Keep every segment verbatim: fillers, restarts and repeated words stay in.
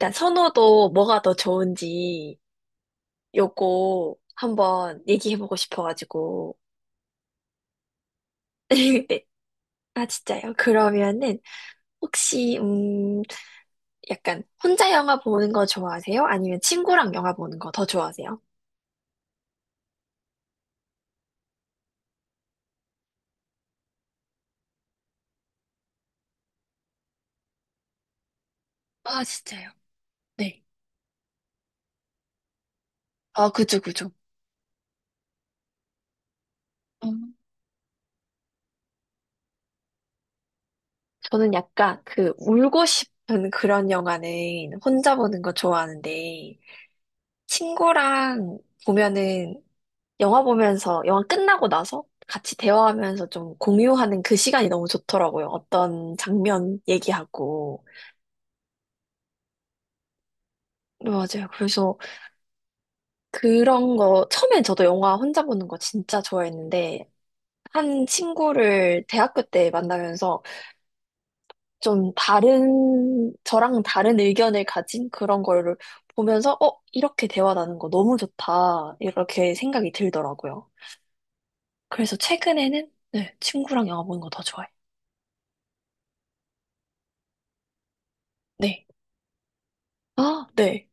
일단 선호도 뭐가 더 좋은지 요거 한번 얘기해보고 싶어가지고. 네. 아, 진짜요? 그러면은 혹시 음 약간 혼자 영화 보는 거 좋아하세요? 아니면 친구랑 영화 보는 거 더 좋아하세요? 아, 진짜요? 네. 아, 그죠, 그죠. 음. 저는 약간 그 울고 싶은 그런 영화는 혼자 보는 거 좋아하는데 친구랑 보면은 영화 보면서, 영화 끝나고 나서 같이 대화하면서 좀 공유하는 그 시간이 너무 좋더라고요. 어떤 장면 얘기하고. 네, 맞아요. 그래서 그런 거, 처음엔 저도 영화 혼자 보는 거 진짜 좋아했는데, 한 친구를 대학교 때 만나면서 좀 다른, 저랑 다른 의견을 가진 그런 거를 보면서, 어, 이렇게 대화 나눈 거 너무 좋다. 이렇게 생각이 들더라고요. 그래서 최근에는, 네, 친구랑 영화 보는 거 더 좋아해요. 네. 아, 네.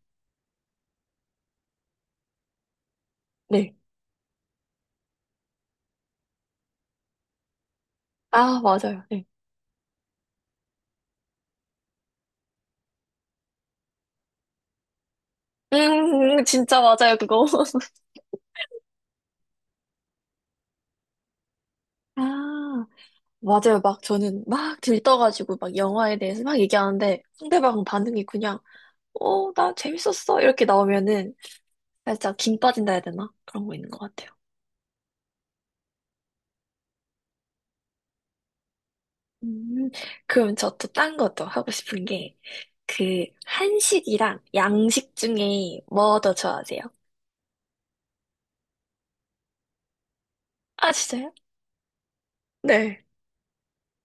네. 아, 맞아요. 네. 음, 음, 진짜 맞아요, 그거. 아, 맞아요. 막 저는 막 들떠가지고 막 영화에 대해서 막 얘기하는데 상대방 반응이 그냥, 어, 나 재밌었어. 이렇게 나오면은 살짝 김 빠진다 해야 되나? 그런 거 있는 것 같아요. 음, 그럼 저 또 딴 것도 하고 싶은 게, 그, 한식이랑 양식 중에 뭐 더 좋아하세요? 아, 진짜요? 네.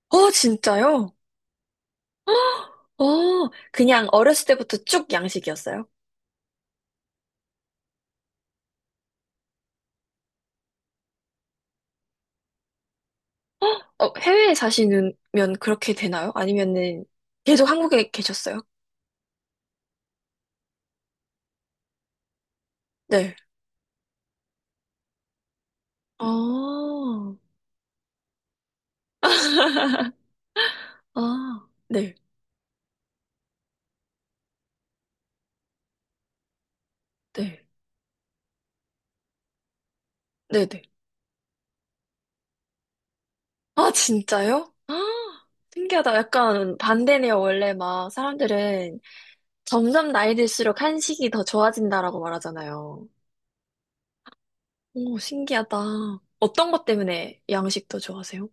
어, 진짜요? 어, 그냥 어렸을 때부터 쭉 양식이었어요? 어, 해외에 사시면 그렇게 되나요? 아니면은 계속 한국에 계셨어요? 네. 아, 아, 네, 네, 네네. 아, 진짜요? 아, 신기하다. 약간 반대네요. 원래 막 사람들은 점점 나이 들수록 한식이 더 좋아진다라고 말하잖아요. 오, 신기하다. 어떤 것 때문에 양식 더 좋아하세요?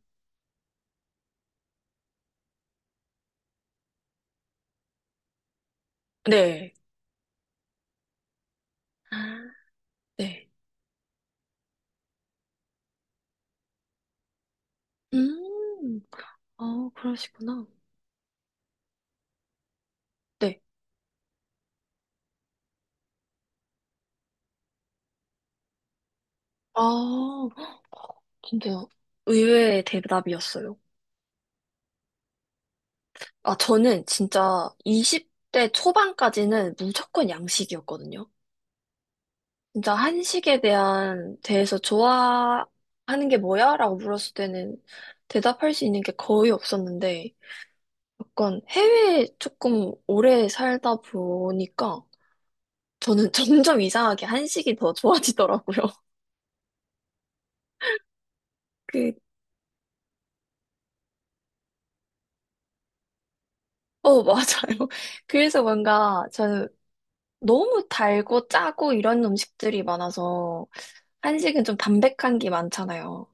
네. 아, 네. 음, 아, 그러시구나. 네. 아, 진짜 의외의 대답이었어요. 아, 저는 진짜 이십 대 초반까지는 무조건 양식이었거든요. 진짜 한식에 대한, 대해서 좋아하는 게 뭐야? 라고 물었을 때는 대답할 수 있는 게 거의 없었는데, 약간 해외에 조금 오래 살다 보니까 저는 점점 이상하게 한식이 더 좋아지더라고요. 그, 어, 맞아요. 그래서 뭔가 저는 너무 달고 짜고 이런 음식들이 많아서 한식은 좀 담백한 게 많잖아요.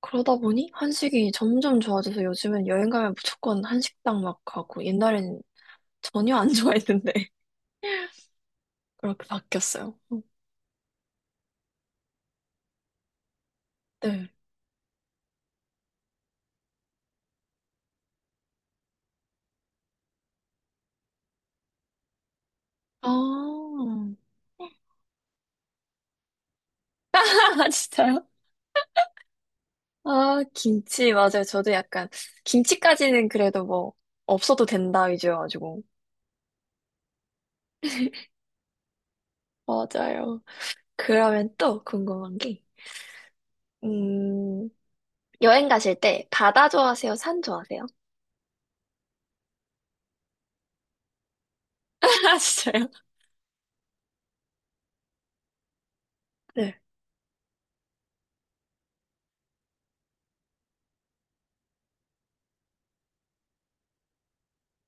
그러다 보니 한식이 점점 좋아져서 요즘은 여행 가면 무조건 한식당 막 가고 옛날엔 전혀 안 좋아했는데 그렇게 바뀌었어요. 음, 네. 아, 아, 진짜요? 아, 김치, 맞아요. 저도 약간, 김치까지는 그래도 뭐, 없어도 된다 위주여가지고. 맞아요. 그러면 또 궁금한 게, 음, 여행 가실 때 바다 좋아하세요? 산 좋아하세요? 아, 진짜요? 네.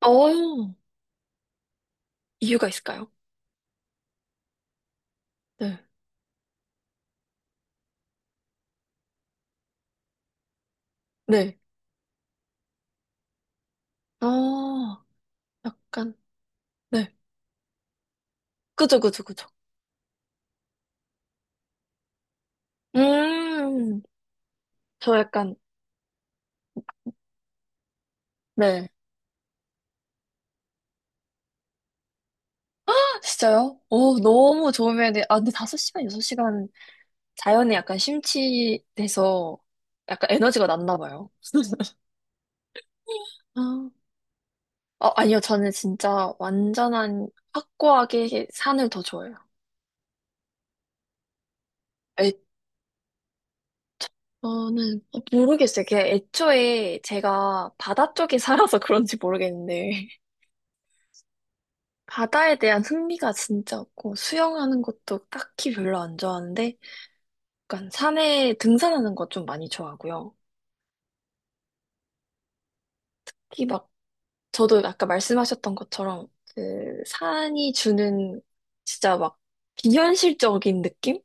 어, 이유가 있을까요? 네. 네. 어, 약간, 네. 그죠, 그죠, 그죠. 음, 저 약간, 네. 아, 진짜요? 어, 너무 좋으면, 돼. 아, 근데 다섯 시간, 여섯 시간 자연에 약간 심취돼서 약간 에너지가 났나 봐요. 아, 어, 아니요, 저는 진짜 완전한 확고하게 산을 더 좋아해요. 저는 어, 모르겠어요. 그냥 애초에 제가 바다 쪽에 살아서 그런지 모르겠는데 바다에 대한 흥미가 진짜 없고 수영하는 것도 딱히 별로 안 좋아하는데 약간 산에 등산하는 것 좀 많이 좋아하고요. 특히 막 저도 아까 말씀하셨던 것처럼 그 산이 주는 진짜 막 비현실적인 느낌?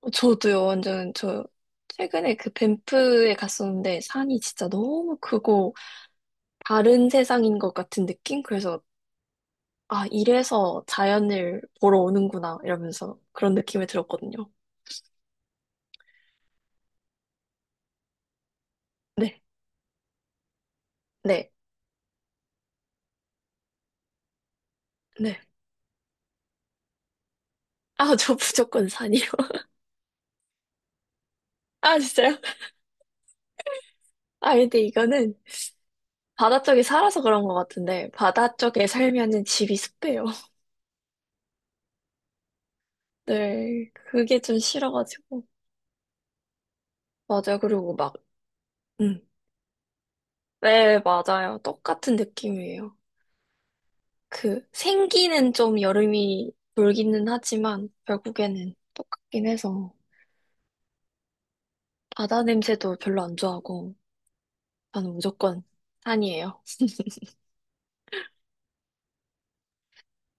어, 저도요. 완전 저 최근에 그 밴프에 갔었는데 산이 진짜 너무 크고 다른 세상인 것 같은 느낌? 그래서 아, 이래서 자연을 보러 오는구나, 이러면서 그런 느낌이 들었거든요. 네, 네, 네. 아, 저 무조건 산이요. 아, 진짜요? 아, 근데 이거는 바다 쪽에 살아서 그런 것 같은데, 바다 쪽에 살면은 집이 습해요. 네, 그게 좀 싫어가지고. 맞아요. 그리고 막, 음. 네, 맞아요. 똑같은 느낌이에요. 그, 생기는 좀 여름이 돌기는 하지만, 결국에는 똑같긴 해서, 바다 냄새도 별로 안 좋아하고, 저는 무조건 산이에요.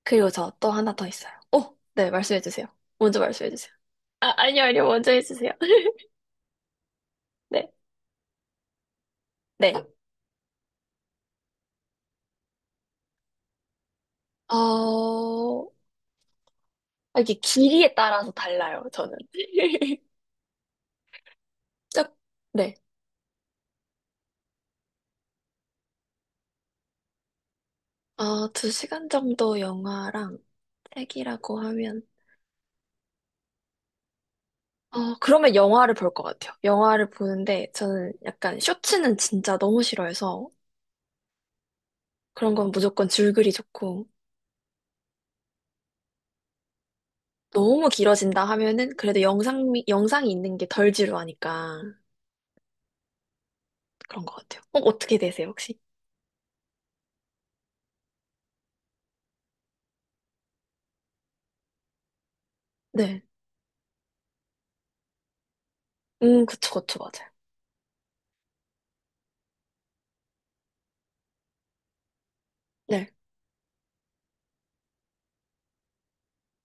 그리고 저 또 하나 더 있어요. 오, 네, 말씀해 주세요. 먼저 말씀해 주세요. 아, 아니요, 아니요, 먼저 해주세요. 네, 네. 어, 아, 이게 길이에 따라서 달라요, 저는. 쭉, 네. 어, 두 시간 정도 영화랑 책이라고 하면, 어, 그러면 영화를 볼 것 같아요. 영화를 보는데, 저는 약간 쇼츠는 진짜 너무 싫어해서, 그런 건 무조건 줄거리 좋고, 너무 길어진다 하면은 그래도 영상, 영상이 있는 게 덜 지루하니까 그런 것 같아요. 어, 어떻게 되세요, 혹시? 네. 음, 그쵸, 그쵸, 맞아요. 네.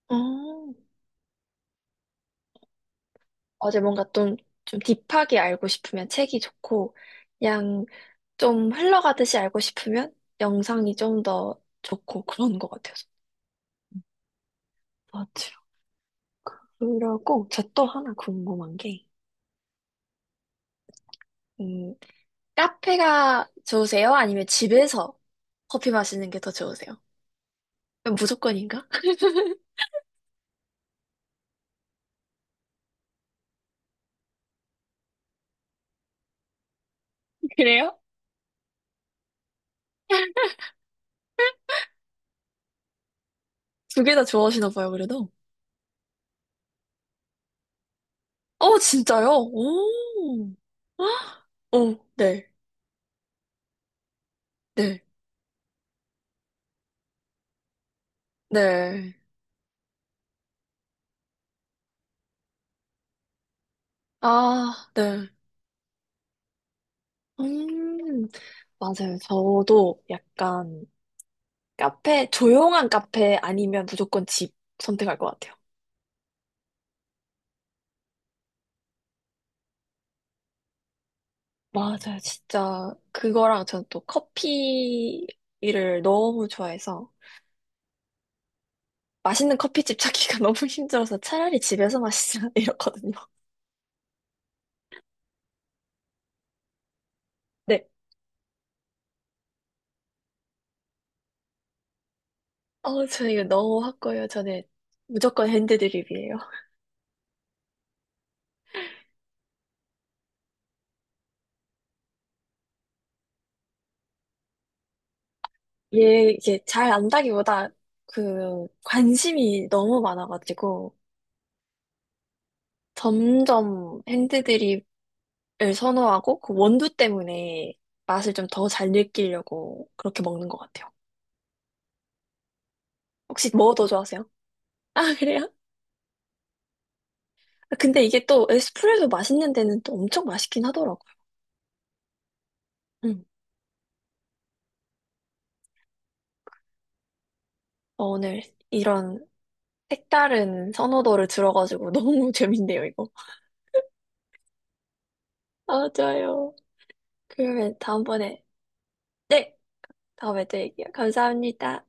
어, 어제 뭔가 좀, 좀 딥하게 알고 싶으면 책이 좋고, 그냥 좀 흘러가듯이 알고 싶으면 영상이 좀 더 좋고 그런 것 같아요. 맞아요. 그리고 저 또 하나 궁금한 게, 음, 카페가 좋으세요? 아니면 집에서 커피 마시는 게 더 좋으세요? 무조건인가? 그래요? 두 개 다 좋아하시나 봐요, 그래도. 어, 진짜요? 오. 어, 네, 네, 네. 아, 네. 음, 맞아요. 저도 약간 카페, 조용한 카페 아니면 무조건 집 선택할 것 같아요. 맞아요. 진짜 그거랑 저는 또 커피를 너무 좋아해서 맛있는 커피집 찾기가 너무 힘들어서 차라리 집에서 마시자 이러거든요. 네. 어, 저 이거 너무 확고해요. 저는 무조건 핸드드립이에요. 얘 이게 잘 안다기보다 그 관심이 너무 많아가지고 점점 핸드드립을 선호하고 그 원두 때문에 맛을 좀 더 잘 느끼려고 그렇게 먹는 것 같아요. 혹시 뭐 더 좋아하세요? 아, 그래요? 아, 근데 이게 또 에스프레소 맛있는 데는 또 엄청 맛있긴 하더라고요. 음. 어, 오늘 이런 색다른 선호도를 들어가지고 너무 재밌네요, 이거. 아, 좋아요. 그러면 다음번에 다음에 또 얘기해요. 감사합니다.